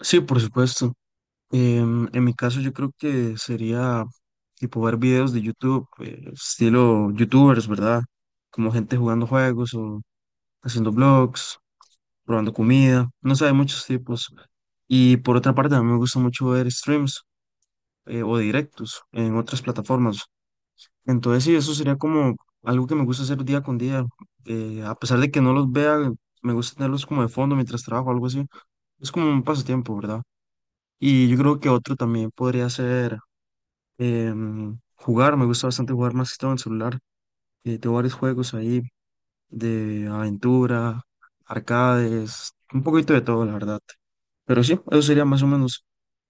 Sí, por supuesto. En mi caso yo creo que sería tipo ver videos de YouTube, estilo YouTubers, ¿verdad? Como gente jugando juegos o haciendo vlogs, probando comida, no sé, hay muchos tipos. Y por otra parte, a mí me gusta mucho ver streams o directos en otras plataformas. Entonces sí, eso sería como algo que me gusta hacer día con día. A pesar de que no los vea, me gusta tenerlos como de fondo mientras trabajo, algo así. Es como un pasatiempo, ¿verdad? Y yo creo que otro también podría ser jugar. Me gusta bastante jugar más que todo en celular. Tengo varios juegos ahí de aventura, arcades, un poquito de todo, la verdad. Pero sí, eso sería más o menos.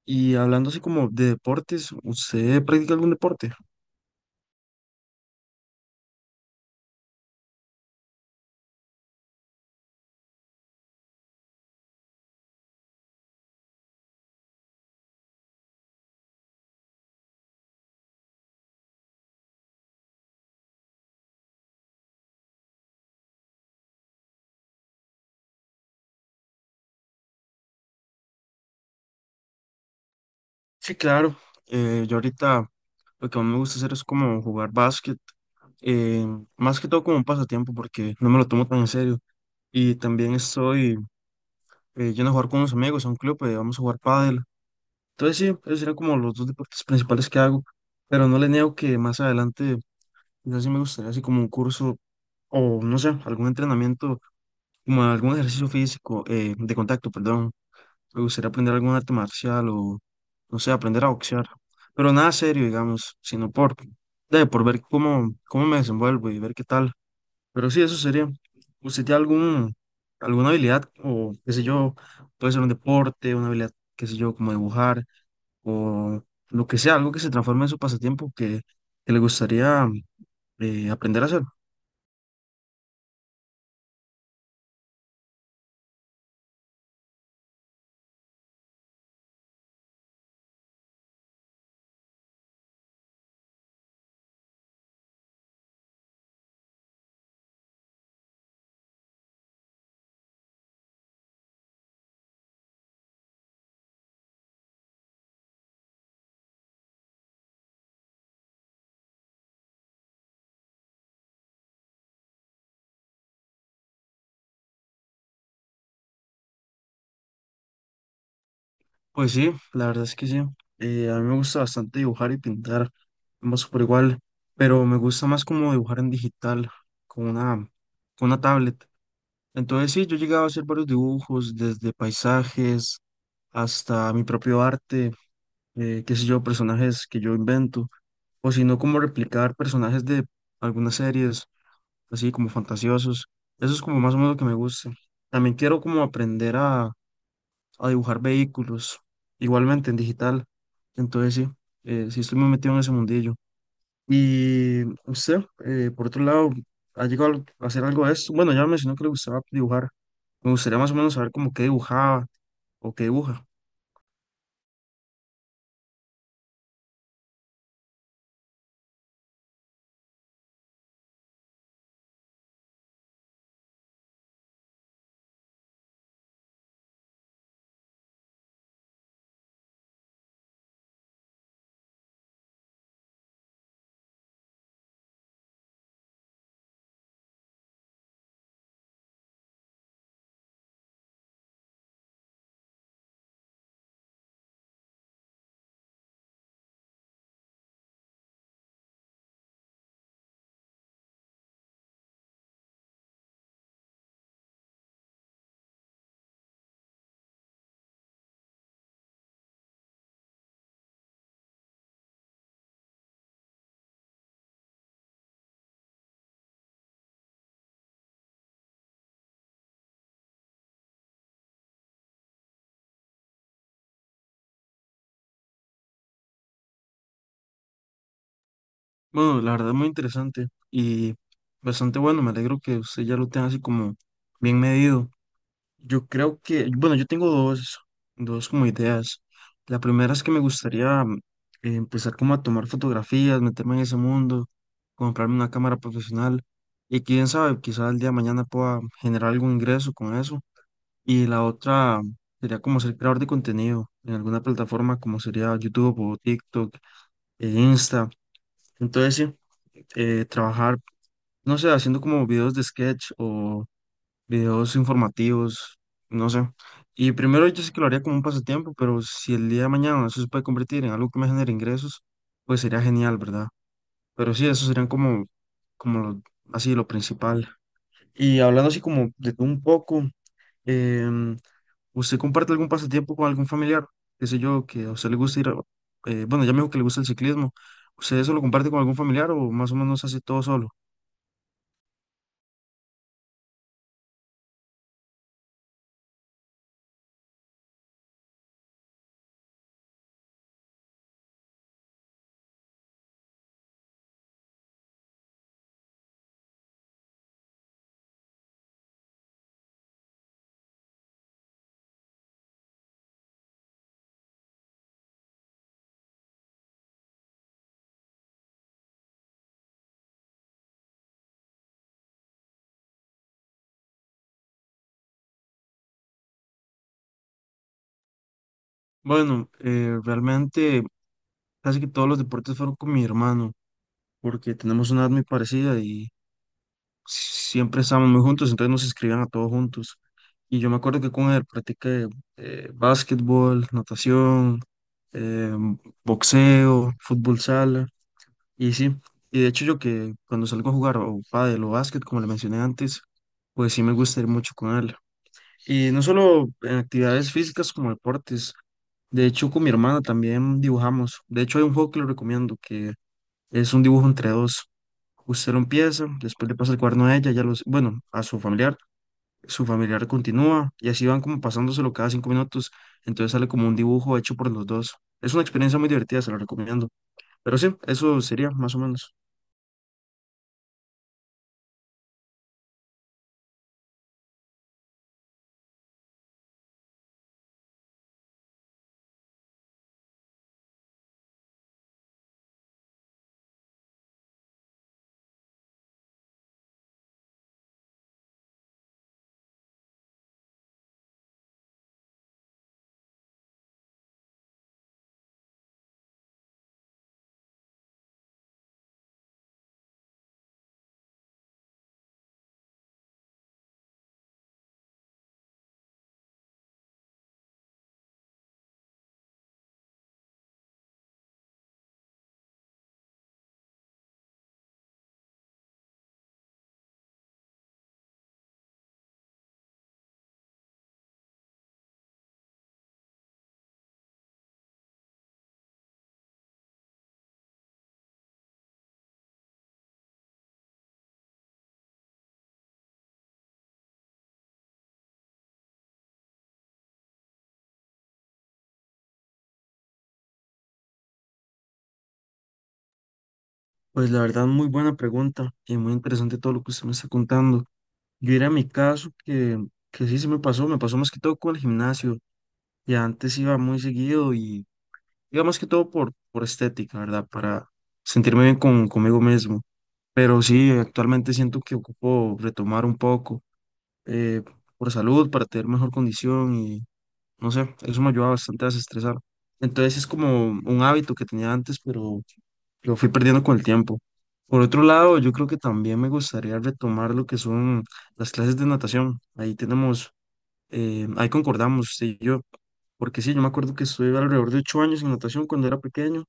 Y hablando así como de deportes, ¿usted practica algún deporte? Sí, claro. Yo ahorita lo que más me gusta hacer es como jugar básquet, eh, más que todo como un pasatiempo porque no me lo tomo tan en serio. Y también estoy yendo a jugar con unos amigos a un club, vamos a jugar pádel. Entonces sí, esos serían como los dos deportes principales que hago, pero no le niego que más adelante yo sí me gustaría así como un curso o no sé, algún entrenamiento, como algún ejercicio físico, de contacto, perdón. Me gustaría aprender algún arte marcial o no sé, aprender a boxear, pero nada serio, digamos, por ver cómo me desenvuelvo y ver qué tal. Pero sí, eso sería. ¿Usted tiene alguna habilidad o qué sé yo, puede ser un deporte, una habilidad, qué sé yo, como dibujar? O lo que sea, algo que se transforme en su pasatiempo que le gustaría aprender a hacer. Pues sí, la verdad es que sí. A mí me gusta bastante dibujar y pintar, ambos por igual, pero me gusta más como dibujar en digital, con una, con una tablet. Entonces sí, yo he llegado a hacer varios dibujos, desde paisajes hasta mi propio arte, qué sé yo, personajes que yo invento, o si no, como replicar personajes de algunas series así como fantasiosos. Eso es como más o menos lo que me gusta. También quiero como a dibujar vehículos, igualmente en digital. Entonces sí, sí estoy muy metido en ese mundillo. Y usted, por otro lado, ¿ha llegado a hacer algo de esto? Bueno, ya me mencionó que le gustaba dibujar. Me gustaría más o menos saber como qué dibujaba o qué dibuja. Bueno, la verdad es muy interesante y bastante bueno. Me alegro que usted ya lo tenga así como bien medido. Yo creo que, bueno, dos como ideas. La primera es que me gustaría empezar como a tomar fotografías, meterme en ese mundo, comprarme una cámara profesional y quién sabe, quizás el día de mañana pueda generar algún ingreso con eso. Y la otra sería como ser creador de contenido en alguna plataforma como sería YouTube o TikTok e Insta. Entonces sí, trabajar, no sé, haciendo como videos de sketch, videos informativos, no sé. Y primero yo sé que lo haría como un pasatiempo, pero si el día de mañana eso se puede convertir en algo que me genere ingresos, pues sería genial, ¿verdad? Pero sí, eso serían como, como lo- así lo principal. Y hablando así como de todo un poco, em, ¿usted comparte algún pasatiempo con algún familiar? Qué sé yo, que a usted le gusta bueno, ya me dijo que le gusta el ciclismo. ¿Usted eso lo comparte con algún familiar o más o menos hace todo solo? Bueno, realmente casi que todos los deportes fueron con mi hermano. Porque tenemos una edad muy parecida y siempre estábamos muy juntos, entonces nos escribían a todos juntos. Y yo me acuerdo que con él practiqué básquetbol, natación, eh, boxeo, fútbol sala, y sí. Y de hecho yo que cuando salgo a jugar o pádel o básquet, como le mencioné antes, pues sí me gusta ir mucho con él. Y no solo en actividades físicas como deportes, de hecho con mi hermana también dibujamos. De hecho hay un juego que lo recomiendo, que es un dibujo entre dos. Usted lo empieza, después le pasa el cuaderno a ella, bueno, a su familiar continúa y así van como pasándoselo cada 5 minutos. Entonces sale como un dibujo hecho por los dos. Es una experiencia muy divertida, se la recomiendo. Pero sí, eso sería más o menos. Pues la verdad, muy buena pregunta y muy interesante todo lo que usted me está contando. Yo era mi caso que sí se me pasó más que todo con el gimnasio. Y antes iba muy seguido y iba más que todo por estética, ¿verdad? Para sentirme bien conmigo mismo. Pero sí, actualmente siento que ocupo retomar un poco eh, por salud, para tener mejor condición y no sé, eso me ayuda bastante a desestresar. Entonces es como un hábito que tenía antes, pero lo fui perdiendo con el tiempo. Por otro lado, yo creo que también me gustaría retomar lo que son las clases de natación. Ahí tenemos, ahí concordamos, sí, yo, porque sí, yo me acuerdo que estuve alrededor de 8 años en natación cuando era pequeño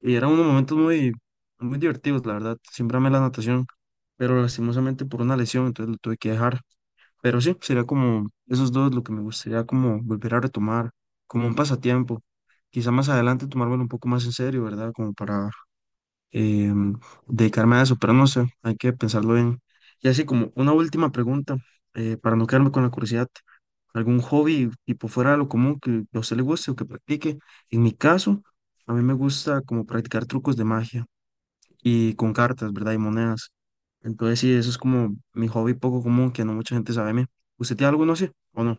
y eran unos momentos muy divertidos, la verdad. Siempre amé la natación, pero lastimosamente por una lesión, entonces lo tuve que dejar. Pero sí, sería como esos dos lo que me gustaría como volver a retomar, como un pasatiempo. Quizá más adelante tomármelo un poco más en serio, ¿verdad? Como para eh, dedicarme a eso, pero no sé, hay que pensarlo bien. Y así como una última pregunta, para no quedarme con la curiosidad, algún hobby tipo fuera de lo común que a usted le guste o que practique. En mi caso, a mí me gusta como practicar trucos de magia y con cartas, ¿verdad? Y monedas. Entonces sí, eso es como mi hobby poco común que no mucha gente sabe de mí. ¿Usted tiene alguno así o no?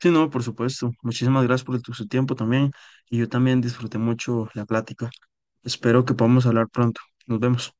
Sí, no, por supuesto. Muchísimas gracias por su tiempo también y yo también disfruté mucho la plática. Espero que podamos hablar pronto. Nos vemos.